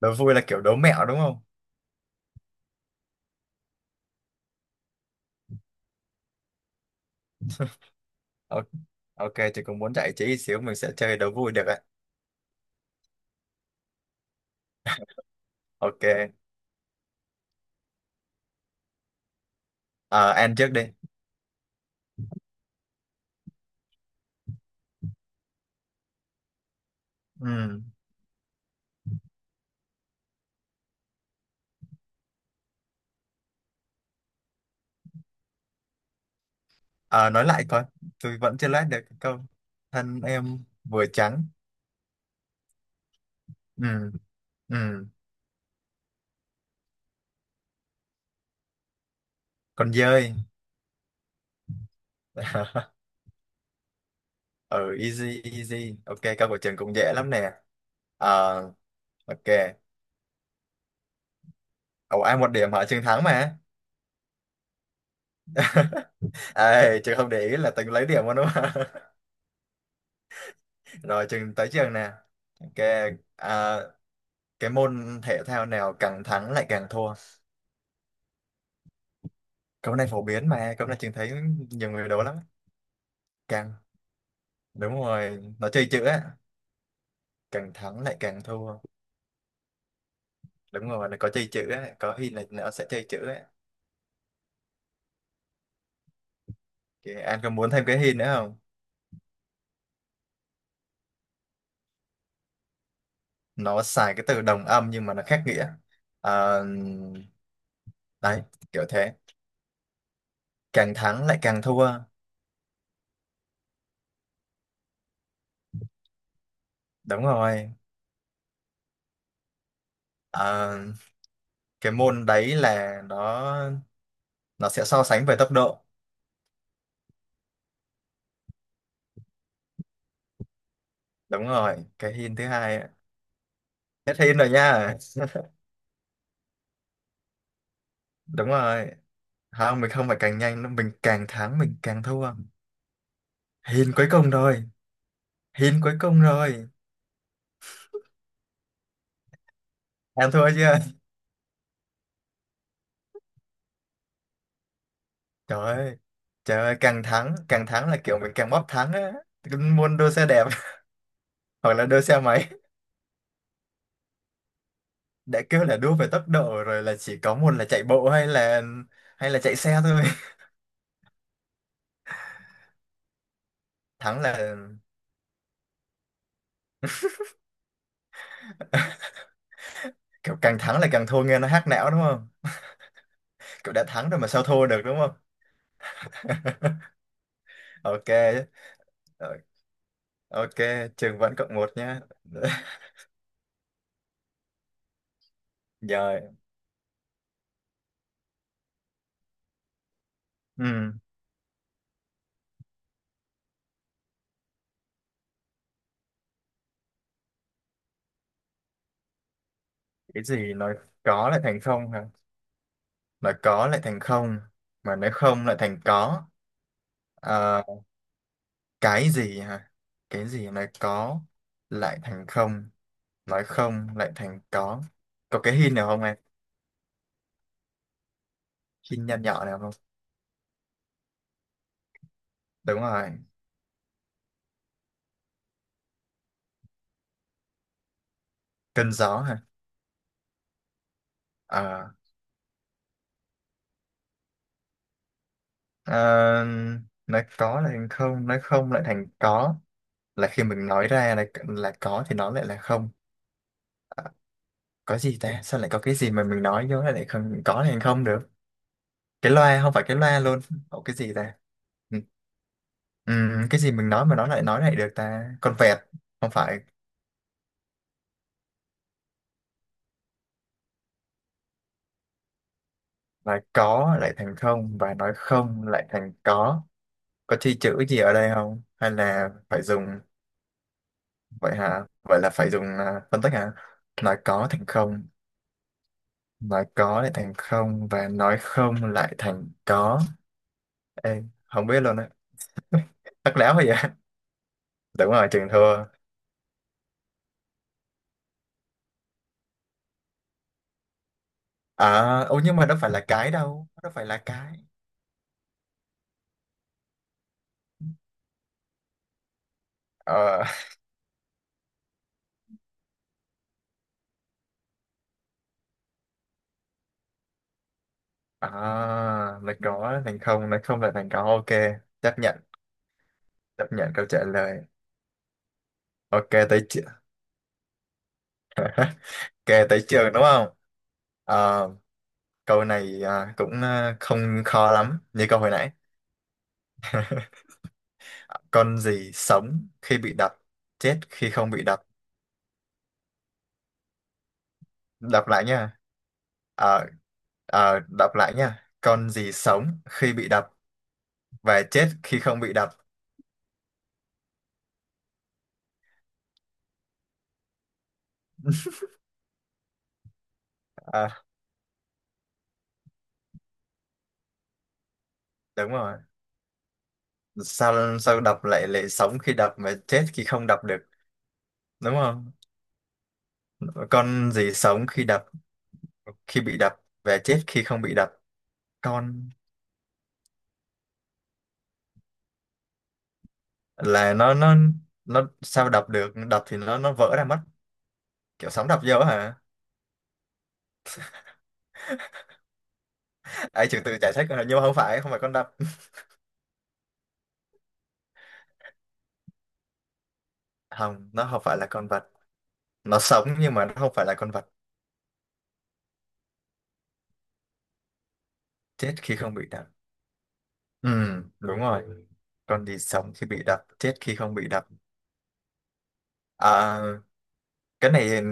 Đố vui là kiểu đố mẹo đúng không? Ok. Ok thì cũng muốn giải trí ít xíu, mình sẽ chơi đố vui được ạ. Ok. Ờ, An trước đi. Ừ. Ờ, nói lại coi, tôi vẫn chưa lát được cái câu. Thân em vừa trắng. Ừ. Ừ. Con dơi. Ừ, easy easy. Ok, câu của Trường cũng dễ lắm nè. Ờ, ok. Ồ ai một điểm hả? Trường thắng mà. Ê, Trường không để ý là Tường lấy điểm luôn đúng không. Rồi, Trường tới Trường nè. Ok. à, cái môn thể thao nào càng thắng lại càng thua? Câu này phổ biến mà, câu này Trường thấy nhiều người đố lắm. Càng, đúng rồi, nó chơi chữ á. Càng thắng lại càng thua. Đúng rồi, nó có chơi chữ á, có hint là nó sẽ chơi chữ á. Thì anh có muốn thêm cái hint nữa không? Nó xài cái từ đồng âm nhưng mà nó khác nghĩa. Ờ, Đấy, kiểu thế. Càng thắng lại càng thua. Đúng rồi. Ờ, cái môn đấy là nó sẽ so sánh về tốc độ. Đúng rồi, cái hint thứ hai á. Hết hint rồi nha. Đúng rồi, không, mình không phải càng nhanh nữa, mình càng thắng mình càng thua. Hin cuối cùng rồi. Hin cuối cùng rồi. Em thua chưa? Trời ơi. Trời ơi, càng thắng là kiểu mình càng bóp thắng á. Muốn đua xe đẹp. Hoặc là đua xe máy. Đã kêu là đua về tốc độ rồi, là chỉ có một là chạy bộ, hay là chạy xe thôi. Thắng là kiểu càng thắng là càng thua nghe nó hack não đúng không? Kiểu đã thắng rồi mà sao thua được đúng không? Ok. Ờ, ok, trường vẫn cộng một nhá. Rồi. Ừ. Cái gì nói có lại thành không hả? Nói có lại thành không, mà nói không lại thành có. Ờ, cái gì hả? Cái gì nói có lại thành không, nói không lại thành có? Có cái hint nào không em? Hint nhỏ nhỏ nào không? Đúng rồi, cơn gió hả? Ờ, ờ, nói có lại thành không, nói không lại thành có. Là khi mình nói ra là có thì nó lại là không. Có gì ta, sao lại có cái gì mà mình nói vô lại lại không có thành không được. Cái loa, không phải cái loa luôn. Ủa, cái gì ta? Ừ. Ừm, cái gì mình nói mà nó lại nói lại được ta, con vẹt? Không phải. Là có lại thành không và nói không lại thành có. Có chi chữ gì ở đây không hay là phải dùng? Vậy hả, vậy là phải dùng phân tích hả? Nói có thành không. Nói có lại thành không và nói không lại thành có. Ê, không biết luôn á. Tắc léo vậy à? Đúng rồi, trường thua. À ô, nhưng mà đâu phải là cái, đâu đâu phải là cái. Ờ À, là có thành không, nói không là thành có, ok. Chấp nhận, chấp nhận câu trả lời. Ok, tới trường. Ok, tới trường đúng không? Ờ, Câu này cũng không khó lắm, như câu hồi nãy. Con gì sống khi bị đập, chết khi không bị đập? Đọc lại nha. Ờ, Đọc lại nha. Con gì sống khi bị đập và chết khi không bị đập? À, đúng rồi. Sao sao đập lại lại sống khi đập mà chết khi không đập được, đúng không? Con gì sống khi đập, khi bị đập và chết khi không bị đập? Con là nó sao đập được, đập thì nó vỡ ra mất. Kiểu sóng đập vô hả? Ai trừ từ giải thích rồi, nhưng mà không phải, không phải con đập. Không, nó không phải là con vật. Nó sống nhưng mà nó không phải là con vật. Chết khi không bị đập. Ừ, đúng rồi, con gì sống khi bị đập chết khi không bị đập? à, cái này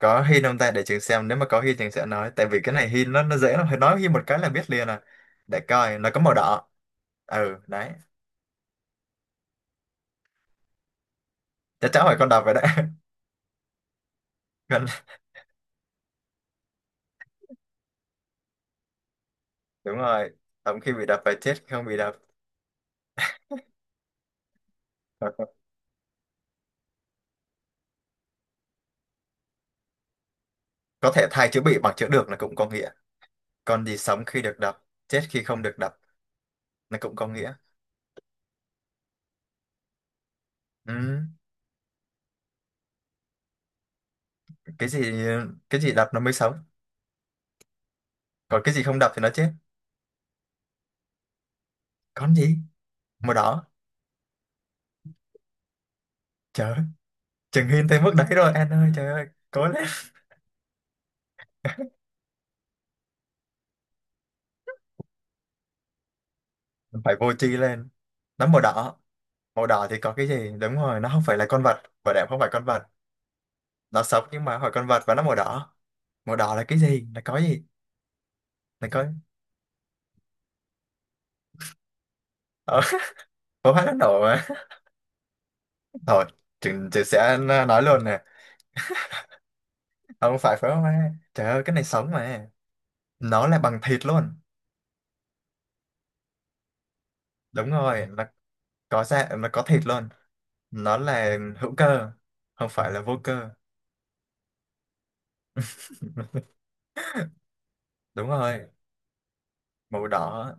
có hin không ta, để trường xem nếu mà có hin trường sẽ nói, tại vì cái này hin nó dễ lắm, phải nói hin một cái là biết liền à. Để coi, nó có màu đỏ. Ừ đấy. Chắc chắn phải con đập rồi đấy. Con. Đúng rồi, sống khi bị đập, phải chết khi không bị đập. Hoặc có thể thay chữ bị bằng chữ được là cũng có nghĩa. Con gì sống khi được đập chết khi không được đập, nó cũng có nghĩa. Ừ. Cái gì, cái gì đập nó mới sống, còn cái gì không đập thì nó chết. Con gì màu đỏ? Trời ơi, chừng hin tới mức đấy rồi anh ơi, trời ơi cố lên. Phải vô tri lên. Nó màu đỏ. Màu đỏ thì có cái gì, đúng rồi nó không phải là con vật, bảo đảm không phải con vật. Nó sống nhưng mà hỏi con vật, và nó màu đỏ. Màu đỏ là cái gì, là có gì? Là có. ờ, Pháo hoa nó nổ mà. Thôi chừng chị sẽ nói luôn nè. Không phải pháo hoa, trời ơi cái này sống mà. Nó là bằng thịt luôn. Đúng rồi, nó có da nó có thịt luôn. Nó là hữu cơ, không phải là vô cơ. Đúng rồi, màu đỏ.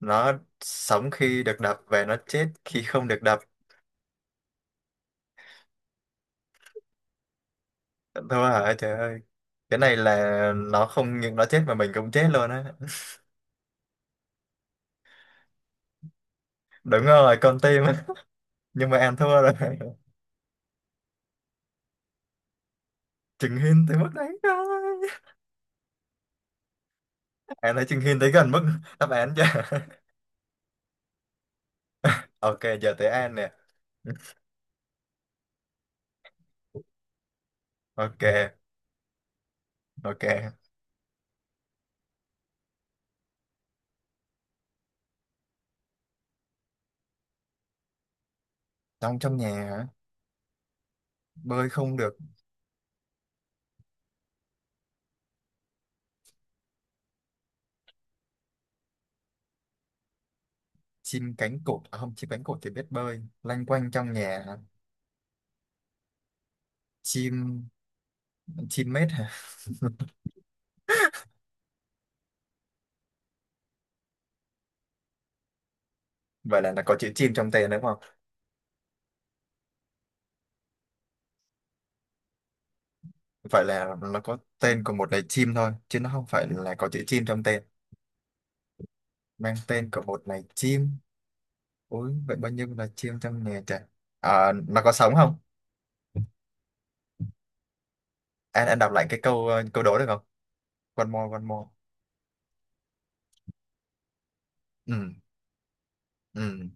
Nó sống khi được đập và nó chết khi không được đập. Thua hả? Trời ơi. Cái này là nó không những nó chết mà mình cũng chết luôn á. Đúng rồi, con tim á. Nhưng mà em thua rồi. Chừng Hin tới mức đấy rồi. Em thấy Chừng Hin tới gần mức đáp án chưa? Ok, giờ tới An nè. Ok, ok. Trong trong nhà hả? Bơi không được. Chim cánh cụt. À, không, chim cánh cụt thì biết bơi. Lanh quanh trong nhà hả? Chim... Chim mết hả? Vậy là nó có chữ chim trong tên đúng không? Vậy là nó có tên của một loài chim thôi, chứ nó không phải là có chữ chim trong tên. Mang tên của một loài chim. Ôi vậy bao nhiêu loài chim trong nhà trời. À, nó có sống không? Anh đọc lại cái câu câu đố được không? One more one more. Ừ. Ừ.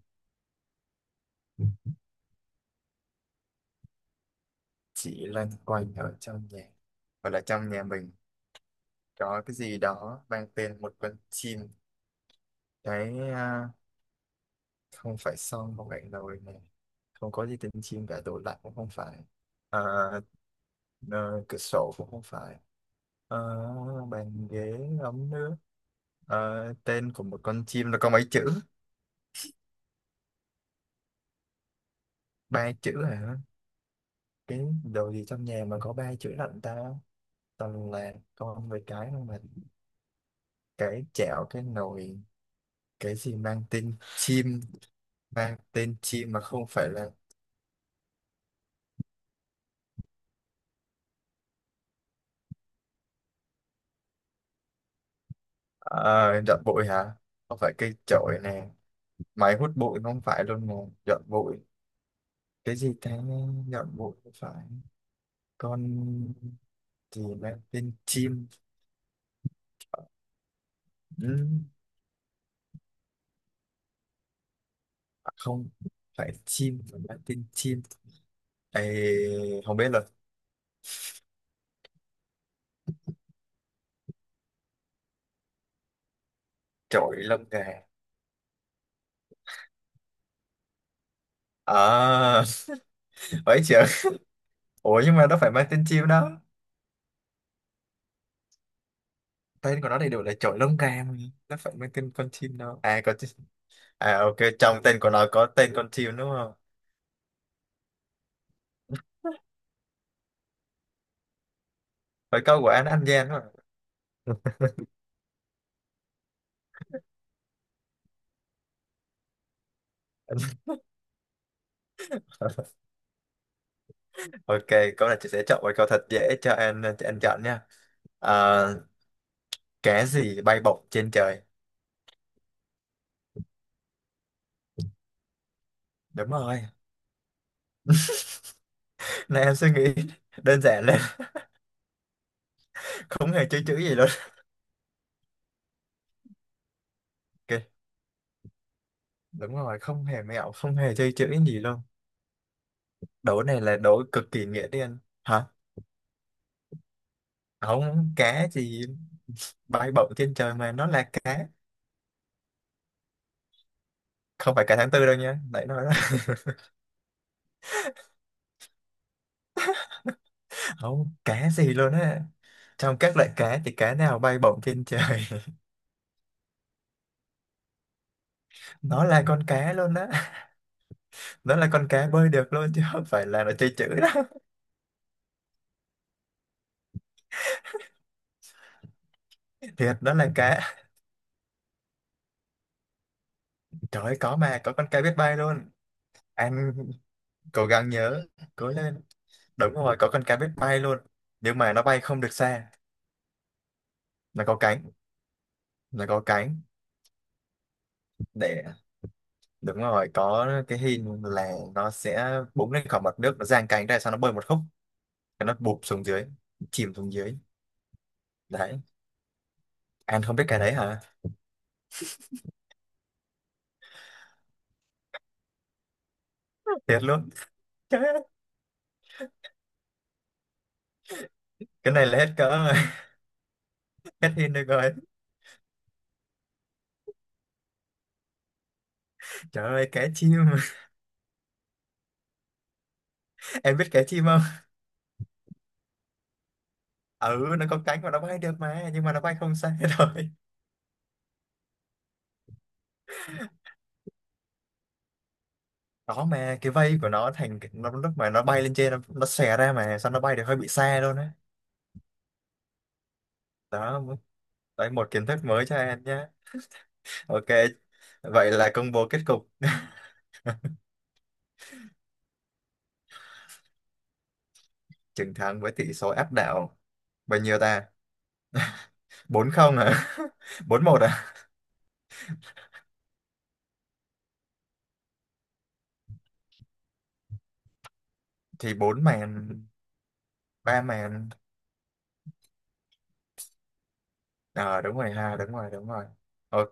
Chỉ loanh quanh ở trong nhà, hoặc là trong nhà mình có cái gì đó mang tên một con chim. Cái, không phải son, không phải nồi này. Không có gì tên chim cả, tủ lạnh cũng không phải. à, ờ, Cửa sổ cũng không phải. Ờ, Bàn ghế, ấm nước. Tên của một con chim nó có mấy chữ? Ba chữ hả? Cái đồ gì trong nhà mà có ba chữ lận ta? Toàn là con với cái không mà. Cái chảo, cái nồi. Cái gì mang tên chim? Mang tên chim mà không phải là. Ờ, Dọn bụi hả? Không phải cây chổi nè. Máy hút bụi không phải luôn nè. Dọn bụi cái gì ta? Dọn bụi. Không phải con gì mang tên chim. Ừ, không phải chim mà mang tên chim. Ê, không biết là. Chổi lông gà. À, 7 triệu. Ủa nhưng mà nó phải mang tên chim đó. Tên của nó đầy đủ là chổi lông gà mà. Nó phải mang tên con chim, đâu à có chim. À ok, trong tên của nó có tên con chim đúng không? Với câu của anh gian mà. Ok, câu này chị sẽ chọn một câu thật dễ cho anh, cho anh chọn nha. à, cái gì bay bổng trên trời? Đúng rồi. Này em suy nghĩ đơn giản lên. Không hề chơi chữ gì luôn. Ok, đúng rồi, không hề mẹo, không hề chơi chữ gì luôn. Đố này là đố cực kỳ nghĩa đen. Hả? Không, cá gì bay bổng trên trời mà nó là cá, không phải cá tháng tư đâu nha, nãy nói đó. Không, cá gì luôn á, trong các loại cá thì cá nào bay bổng trên trời. Nó là con cá luôn á, nó là con cá bơi được luôn chứ không phải là nó chơi chữ đó. Thiệt, nó là cá. Trời ơi, có mà, có con cá biết bay luôn. Anh cố gắng nhớ, cố lên. Đúng rồi, có con cá biết bay luôn, nhưng mà nó bay không được xa. Nó có cánh, nó có cánh. Để, đúng rồi, có cái hình là nó sẽ búng lên khỏi mặt nước, nó giang cánh ra sau nó bơi một khúc, cái nó bụp xuống dưới, chìm xuống dưới. Đấy. Anh không biết cái đấy hả? Thiệt luôn. cái, cái này là hết cỡ rồi. Hết pin được rồi. Trời ơi, cá chim. Em biết cá chim không? Ừ, nó có cánh mà nó bay được mà, nhưng mà nó bay không xa thôi. Đó mà cái vây của nó thành cái, nó lúc mà nó bay lên trên nó xòe ra mà sao nó bay được hơi bị xa luôn á. Đó. Đấy, một kiến thức mới cho em nhé. Ok, vậy là công bố kết cục. Chiến thắng với tỷ số áp đảo. Bao nhiêu ta, 4-0 à? 4-1 à? Thì bốn màn. Ba màn. Ờ đúng rồi ha, đúng rồi, đúng rồi. Ok.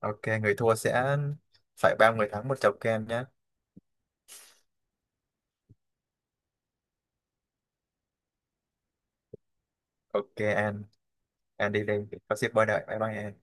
Ok, người thua sẽ phải ba người thắng một chầu kem nhé. Ok An đi đi, có shipper đợi. Bye bye An.